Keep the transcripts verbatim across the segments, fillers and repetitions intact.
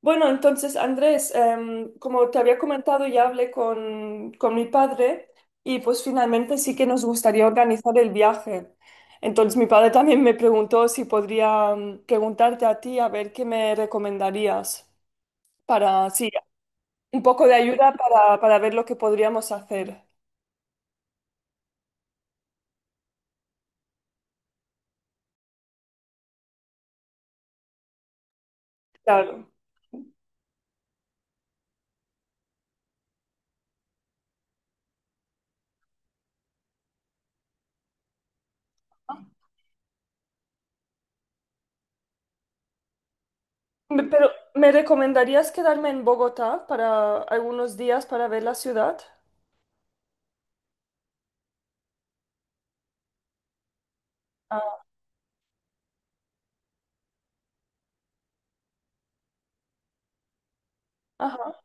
Bueno, entonces, Andrés, em, como te había comentado, ya hablé con, con mi padre y pues finalmente sí que nos gustaría organizar el viaje. Entonces, mi padre también me preguntó si podría mm, preguntarte a ti a ver qué me recomendarías para, sí, un poco de ayuda para, para ver lo que podríamos hacer. Claro. Me- Pero, ¿me recomendarías quedarme en Bogotá para algunos días para ver la ciudad? Ah, ajá.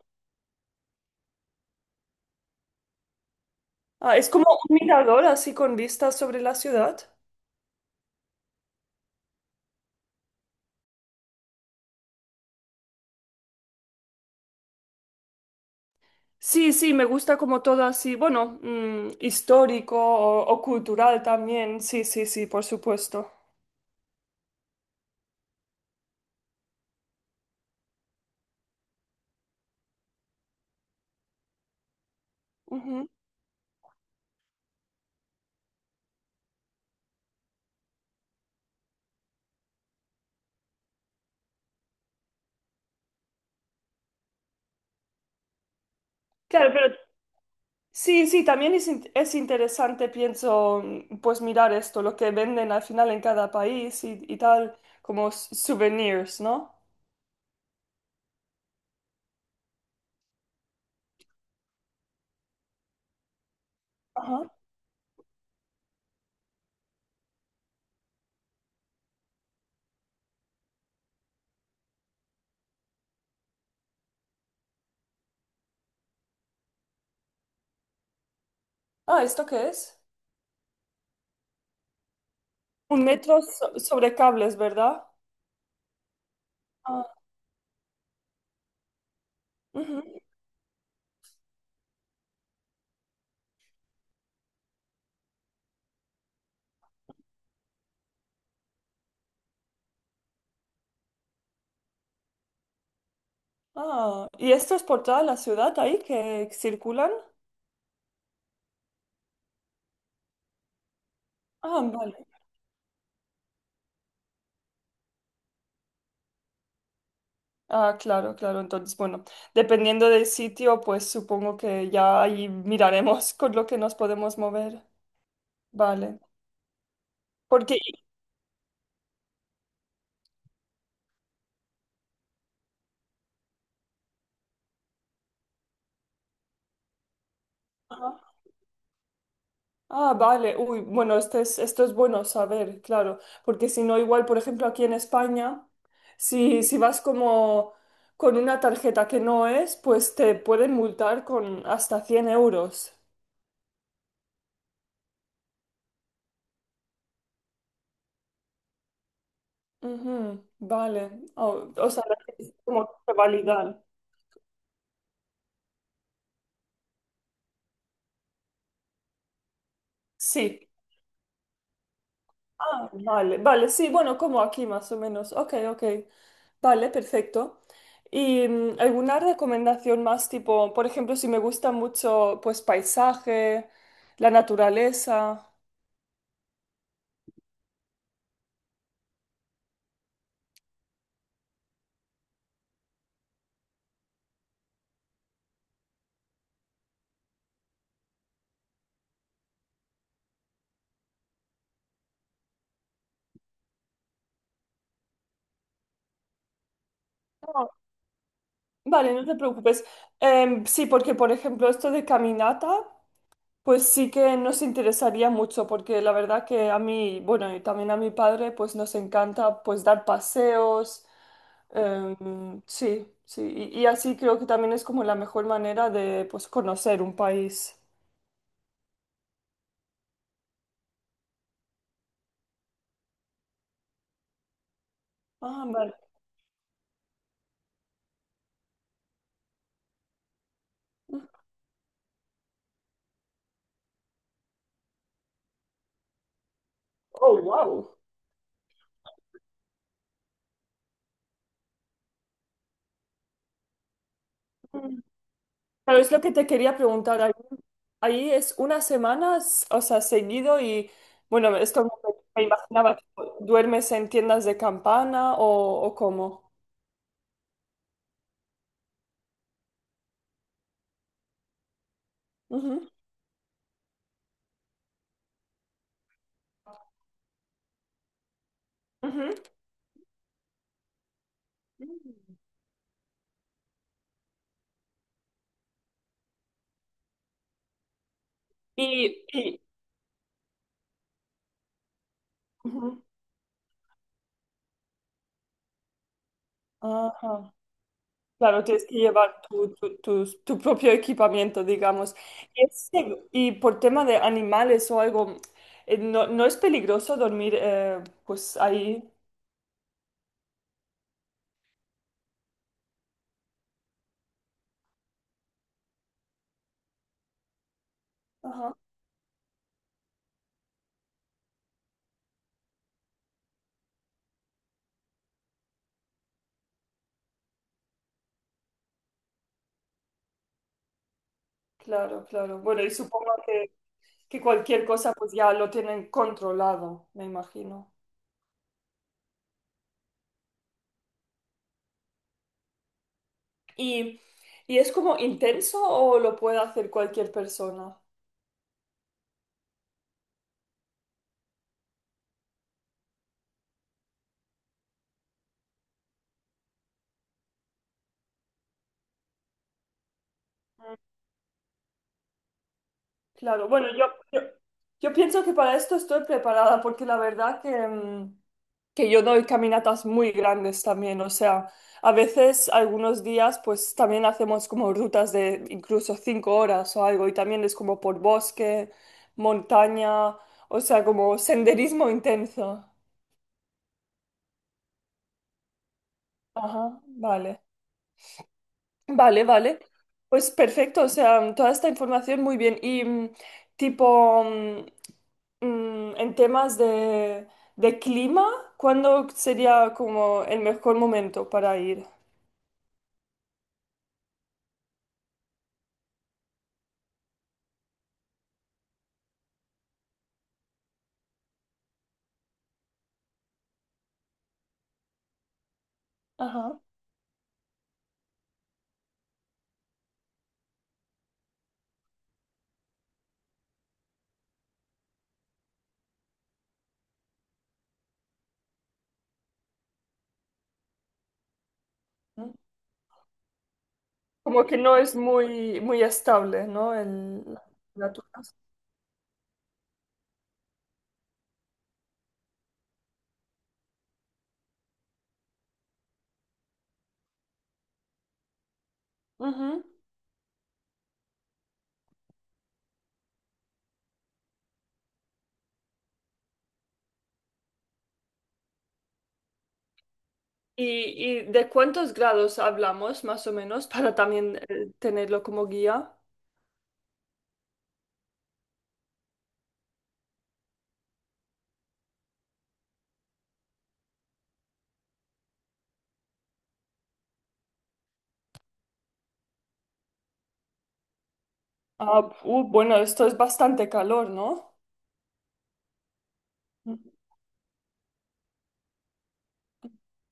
Ah, es como un mirador así con vistas sobre la ciudad. Sí, sí, me gusta como todo así, bueno, mm, histórico o, o cultural también, sí, sí, sí, por supuesto. Ujú. Claro, pero sí, sí, también es, in- es interesante, pienso, mm, pues mirar esto, lo que venden al final en cada país y, y tal, como s- souvenirs, ¿no? Ajá. Ah, ¿esto qué es? Un metro so- sobre cables, ¿verdad? Ah, ujú. Ah, ¿y esto es por toda la ciudad ahí que circulan? Ah, vale. Ah, claro, claro. Entonces, bueno, dependiendo del sitio, pues supongo que ya ahí miraremos con lo que nos podemos mover. Vale. Porque. Ajá. Ah, vale. Uy, bueno, este es, esto es bueno saber, claro. Porque si no, igual, por ejemplo, aquí en España, si, si vas como con una tarjeta que no es, pues te pueden multar con hasta cien euros. Ujú, vale. O o sea, es como que validar. Sí. Ah, vale, vale, sí, bueno, como aquí más o menos. Ok, ok. Vale, perfecto. ¿Y mm, alguna recomendación más tipo, por ejemplo, si me gusta mucho, pues paisaje, la naturaleza? No, vale, no te preocupes. Em, sí, porque por ejemplo, esto de caminata. Pues sí que nos interesaría mucho porque la verdad que a mí, bueno, y también a mi padre, pues nos encanta pues dar paseos. em, sí, sí, y, y así creo que también es como la mejor manera de pues conocer un país. Ah, vale. Oh, wow. Pero es lo que te quería preguntar. Ahí, ahí es una semana, s- o sea, seguido y bueno, esto me, me imaginaba, tipo, ¿duermes en tiendas de campana o, o cómo? Ujú, ujú. Y, y- Ujú, ajá, claro, tienes que llevar tu, tu, tus- tu propio equipamiento, digamos. Y, es seg- y por tema de animales o algo, eh, no, no es peligroso dormir eh, pues ahí. Ajá, claro, claro. Bueno, y supongo que, que cualquier cosa pues ya lo tienen controlado, me imagino. ¿Y, y es como intenso o lo puede hacer cualquier persona? Claro, bueno, yo, yo, yo pienso que para esto estoy preparada porque la verdad que, mm, que yo doy caminatas muy grandes también, o sea, a veces algunos días pues también hacemos como rutas de incluso cinco horas o algo y también es como por bosque, montaña, o sea, como senderismo intenso. Ajá, vale. Vale, vale. Pues perfecto, o sea, mm, toda esta información muy bien. Y mm, tipo, mm, mm, en temas de, de clima, ¿cuándo sería como el mejor momento para ir? Ajá. Mm. Como que no es muy, muy estable, ¿no? El, la temperatura. Ujú. ¿Y, y de cuántos grados hablamos, más o menos, para también eh, tenerlo como guía? Ah, uh, bueno, esto es bastante calor, ¿no?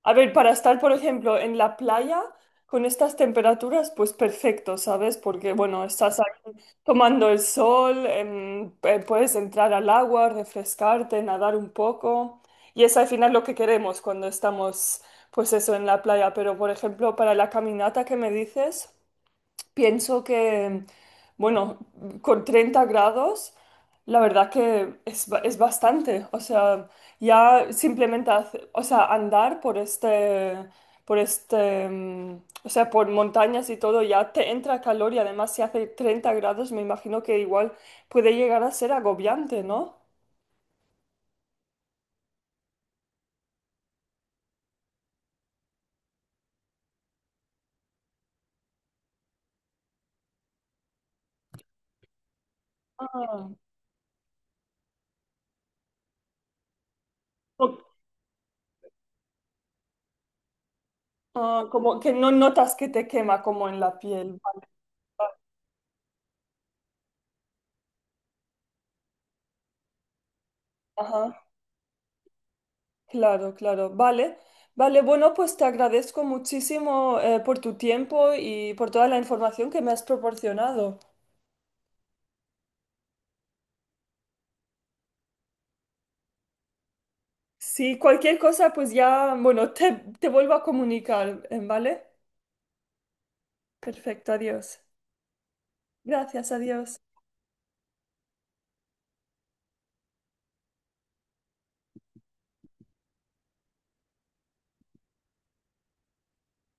A ver, para estar, por ejemplo, en la playa con estas temperaturas, pues perfecto, ¿sabes? Porque, bueno, estás ahí tomando el sol, em, eh, puedes entrar al agua, refrescarte, nadar un poco. Y es al final lo que queremos cuando estamos, pues eso, en la playa. Pero, por ejemplo, para la caminata que me dices. Pienso que, bueno, con treinta grados, la verdad que es, ba- es bastante. O sea, ya simplemente, hace- o sea, andar por este, por este, mm, o sea, por montañas y todo, ya te entra calor y además si hace treinta grados, me imagino que igual puede llegar a ser agobiante, ¿no? Ah, o- ah, como que no notas que te quema como en la piel. Vale, vale. Claro, claro. Vale. Vale, bueno, pues te agradezco muchísimo eh, por tu tiempo y por toda la información que me has proporcionado. Si cualquier cosa, pues ya, bueno, te, te vuelvo a comunicar, eh, ¿vale? Perfecto, adiós. Gracias, adiós.